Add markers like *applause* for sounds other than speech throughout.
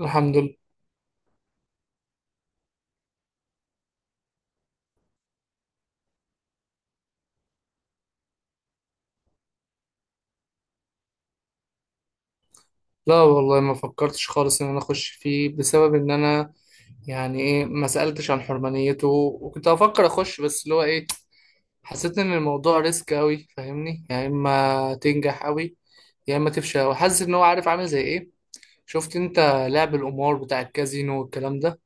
الحمد لله. لا والله ما فكرتش خالص ان انا اخش فيه بسبب ان انا، يعني ايه، ما سألتش عن حرمانيته، وكنت افكر اخش بس اللي هو ايه. حسيت ان الموضوع ريسك قوي، فاهمني؟ يعني يا اما تنجح قوي يا اما تفشل. وحاسس ان هو عارف، عامل زي ايه، شفت انت؟ لعب القمار بتاع الكازينو والكلام ده.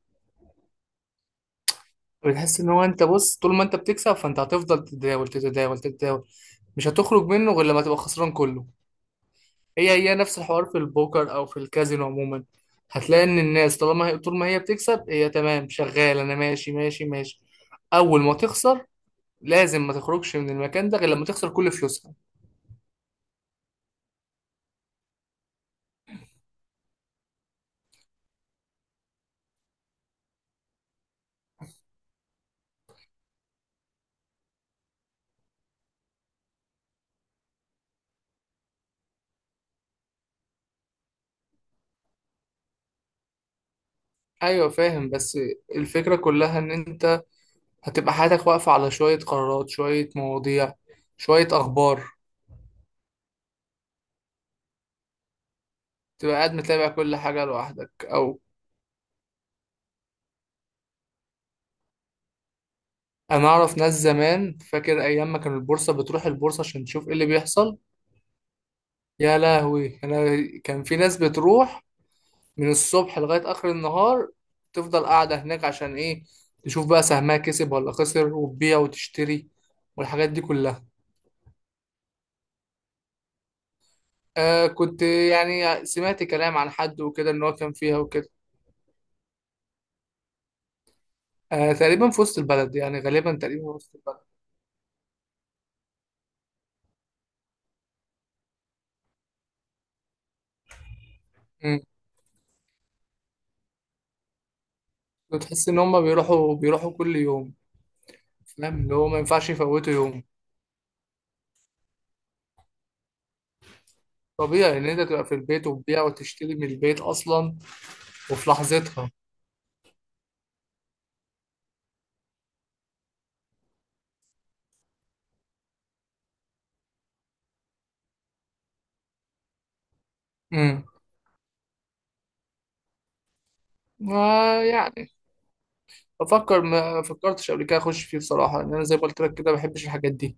بتحس ان هو، انت بص، طول ما انت بتكسب فانت هتفضل تتداول تتداول تتداول، مش هتخرج منه غير لما تبقى خسران كله. هي هي نفس الحوار في البوكر او في الكازينو عموما. هتلاقي ان الناس طالما هي، طول ما هي بتكسب، هي تمام شغال، انا ماشي ماشي ماشي. اول ما تخسر لازم ما تخرجش من المكان ده غير لما تخسر كل فلوسها. ايوه فاهم، بس الفكرة كلها ان انت هتبقى حياتك واقفة على شوية قرارات، شوية مواضيع، شوية اخبار. تبقى قاعد متابع كل حاجة لوحدك، او انا اعرف ناس زمان، فاكر ايام ما كان البورصة، بتروح البورصة عشان تشوف ايه اللي بيحصل. يا لهوي، انا كان في ناس بتروح من الصبح لغاية آخر النهار، تفضل قاعدة هناك عشان إيه؟ تشوف بقى سهمها كسب ولا خسر، وتبيع وتشتري، والحاجات دي كلها. آه، كنت يعني سمعت كلام عن حد وكده إن هو كان فيها وكده. آه، تقريبا في وسط البلد، يعني غالبا تقريبا في وسط البلد. مم. وتحس إن هما بيروحوا بيروحوا كل يوم. فاهم، اللي هو ما ينفعش يفوتوا يوم. طبيعي إن أنت تبقى في البيت وتبيع وتشتري من البيت أصلا، وفي لحظتها. امم يعني بفكر، ما فكرتش قبل كده اخش فيه بصراحه لان انا زي ما قلت لك كده ما بحبش الحاجات دي.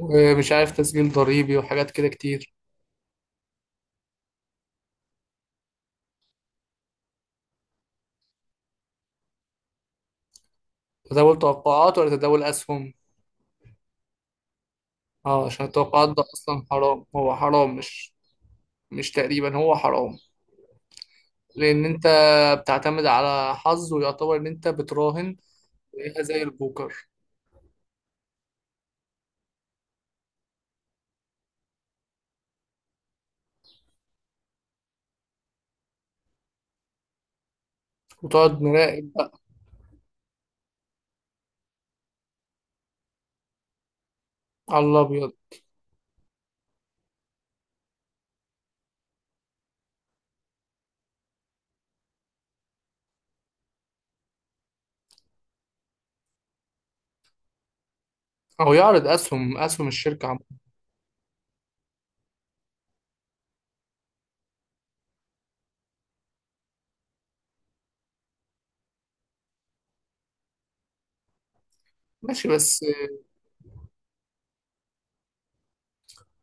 ومش عارف تسجيل ضريبي وحاجات كده كتير. تداول توقعات ولا تداول اسهم؟ اه عشان التوقعات ده اصلا حرام، هو حرام، مش... مش تقريبا، هو حرام. لان انت بتعتمد على حظ، ويعتبر ان انت بتراهن، زيها زي البوكر. وتقعد مراقب بقى على الابيض. او يعرض اسهم، الشركه ماشي بس.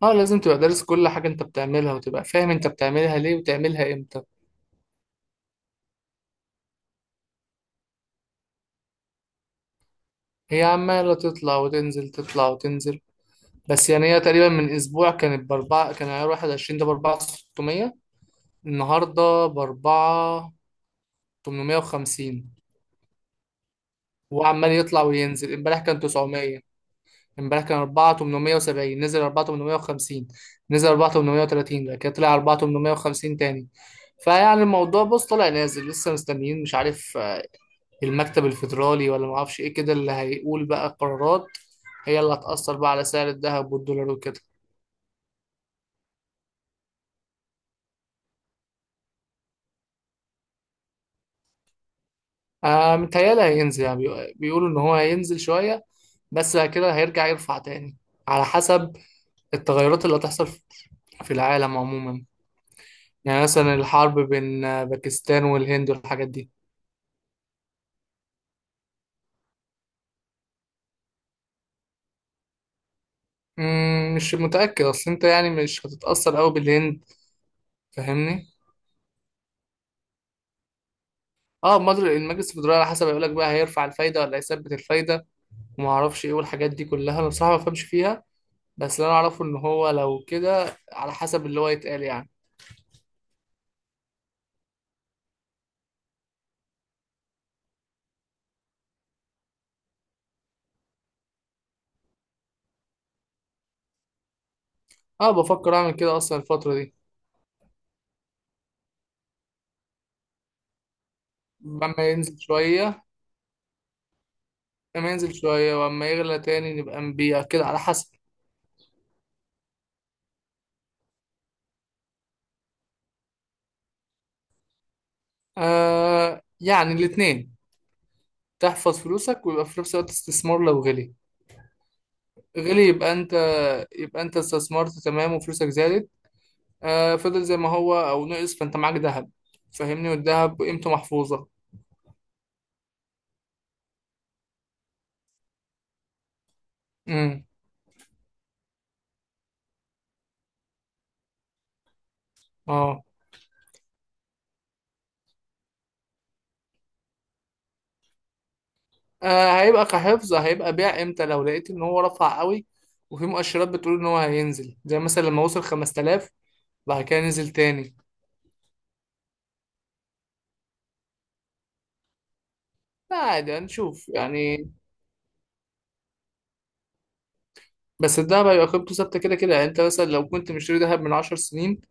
اه لازم تبقى دارس كل حاجه انت بتعملها، وتبقى فاهم انت بتعملها ليه وتعملها امتى. هي عمالة تطلع وتنزل تطلع وتنزل. بس يعني هي تقريبا من أسبوع كانت بأربعة، كان عيار واحد وعشرين ده بأربعة ستمية. النهاردة بأربعة تمنمية وخمسين. وعمال يطلع وينزل. امبارح كان تسعمية. امبارح كان أربعة تمنمية وسبعين، نزل أربعة تمنمية وخمسين، نزل أربعة تمنمية وتلاتين، بعد كده طلع أربعة تمنمية وخمسين تاني. فيعني الموضوع بص طالع نازل، لسه مستنيين مش عارف، المكتب الفيدرالي ولا معرفش ايه كده اللي هيقول بقى قرارات. هي اللي هتأثر بقى على سعر الذهب والدولار وكده. آه متهيألي هينزل، يعني بيقولوا إن هو هينزل شوية، بس بعد كده هيرجع يرفع تاني، على حسب التغيرات اللي هتحصل في العالم عموما. يعني مثلا الحرب بين باكستان والهند والحاجات دي. مش متأكد، أصل أنت يعني مش هتتأثر أوي بالهند، فاهمني؟ اه مدر المجلس الفدرالي على حسب يقولك بقى هيرفع الفايدة ولا هيثبت الفايدة، ومعرفش ايه، والحاجات دي كلها أنا بصراحة ما بفهمش فيها. بس اللي أنا أعرفه إن هو لو كده على حسب اللي هو يتقال يعني. اه بفكر أعمل كده أصلا الفترة دي. لما ينزل شوية لما ينزل شوية ولما يغلى تاني نبقى نبيع كده، على حسب. آه يعني الاتنين، تحفظ فلوسك ويبقى في نفس الوقت استثمار. لو غلي، غلي يبقى انت، استثمرت تمام وفلوسك زادت. آه، فضل زي ما هو او نقص فانت معاك ذهب، فاهمني؟ والذهب قيمته محفوظة. امم اه. آه، هيبقى كحفظ. هيبقى بيع امتى؟ لو لقيت ان هو رفع قوي، وفي مؤشرات بتقول ان هو هينزل، زي مثلا لما وصل 5000 بعد كده نزل تاني. لا عادي هنشوف يعني. بس الدهب هيبقى قيمته ثابتة كده كده. يعني انت مثلا لو كنت مشتري دهب من عشر سنين،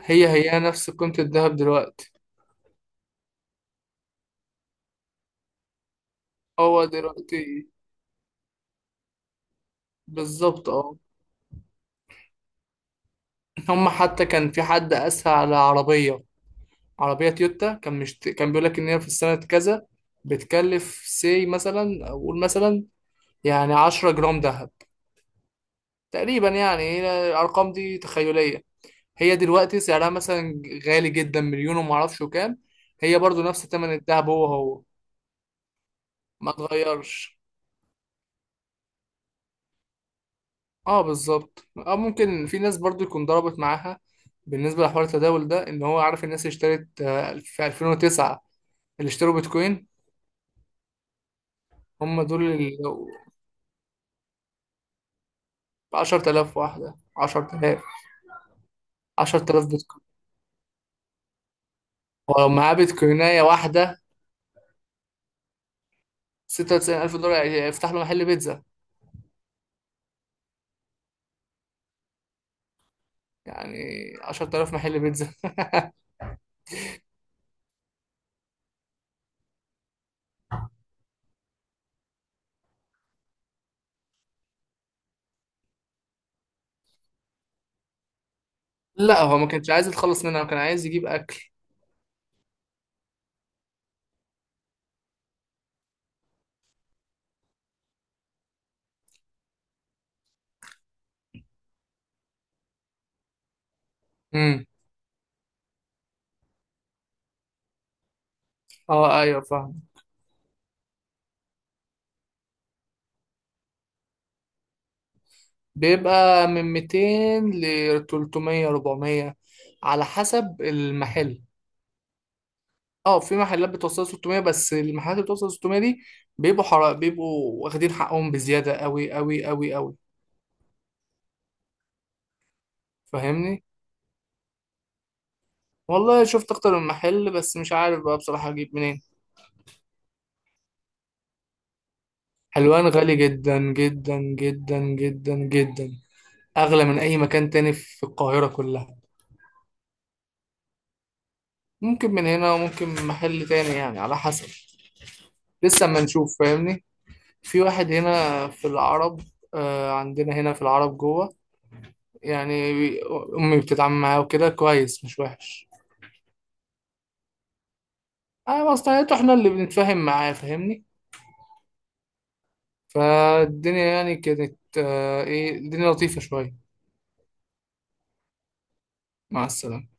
هي هي نفس قيمة الدهب دلوقتي. هو دلوقتي بالظبط اه. هم حتى كان في حد قاسها على عربية، عربية تويوتا، كان كان بيقول لك ان هي في السنة كذا بتكلف سي، مثلا اقول مثلا يعني 10 جرام دهب تقريبا، يعني هي الارقام دي تخيلية. هي دلوقتي سعرها مثلا غالي جدا، مليون وما اعرفش كام، هي برضو نفس ثمن الدهب، هو هو ما اتغيرش. اه بالظبط اه. ممكن في ناس برضو يكون ضربت معاها بالنسبه لحوار التداول ده، ان هو عارف الناس اللي اشترت في 2009 اللي اشتروا بيتكوين، هم دول اللي ب 10000 واحده، 10000، 10000 بيتكوين. ولو معاه بيتكوينايه واحده، 96000 دولار، يفتح له محل بيتزا. يعني 10000 محل بيتزا *laughs* لا هو ما كانش عايز يتخلص منها، هو كان عايز يجيب اكل. امم اه ايوه فاهم. بيبقى من 200 ل 300، 400 على حسب المحل. اه في محلات بتوصل 600، بس المحلات اللي بتوصل 600 دي بيبقوا حرق، بيبقوا واخدين حقهم بزيادة قوي قوي قوي قوي. فاهمني، والله شفت اكتر من محل بس مش عارف بقى بصراحة اجيب منين. حلوان غالي جدا جدا جدا جدا جدا، اغلى من اي مكان تاني في القاهرة كلها. ممكن من هنا وممكن من محل تاني، يعني على حسب. لسه ما نشوف، فاهمني. في واحد هنا في العرب، عندنا هنا في العرب جوه، يعني أمي بتتعامل معاه وكده كويس، مش وحش. أنا مصلحته إحنا اللي بنتفاهم معاه، فاهمني. فالدنيا يعني كانت، إيه، الدنيا لطيفة شوية. مع السلامة.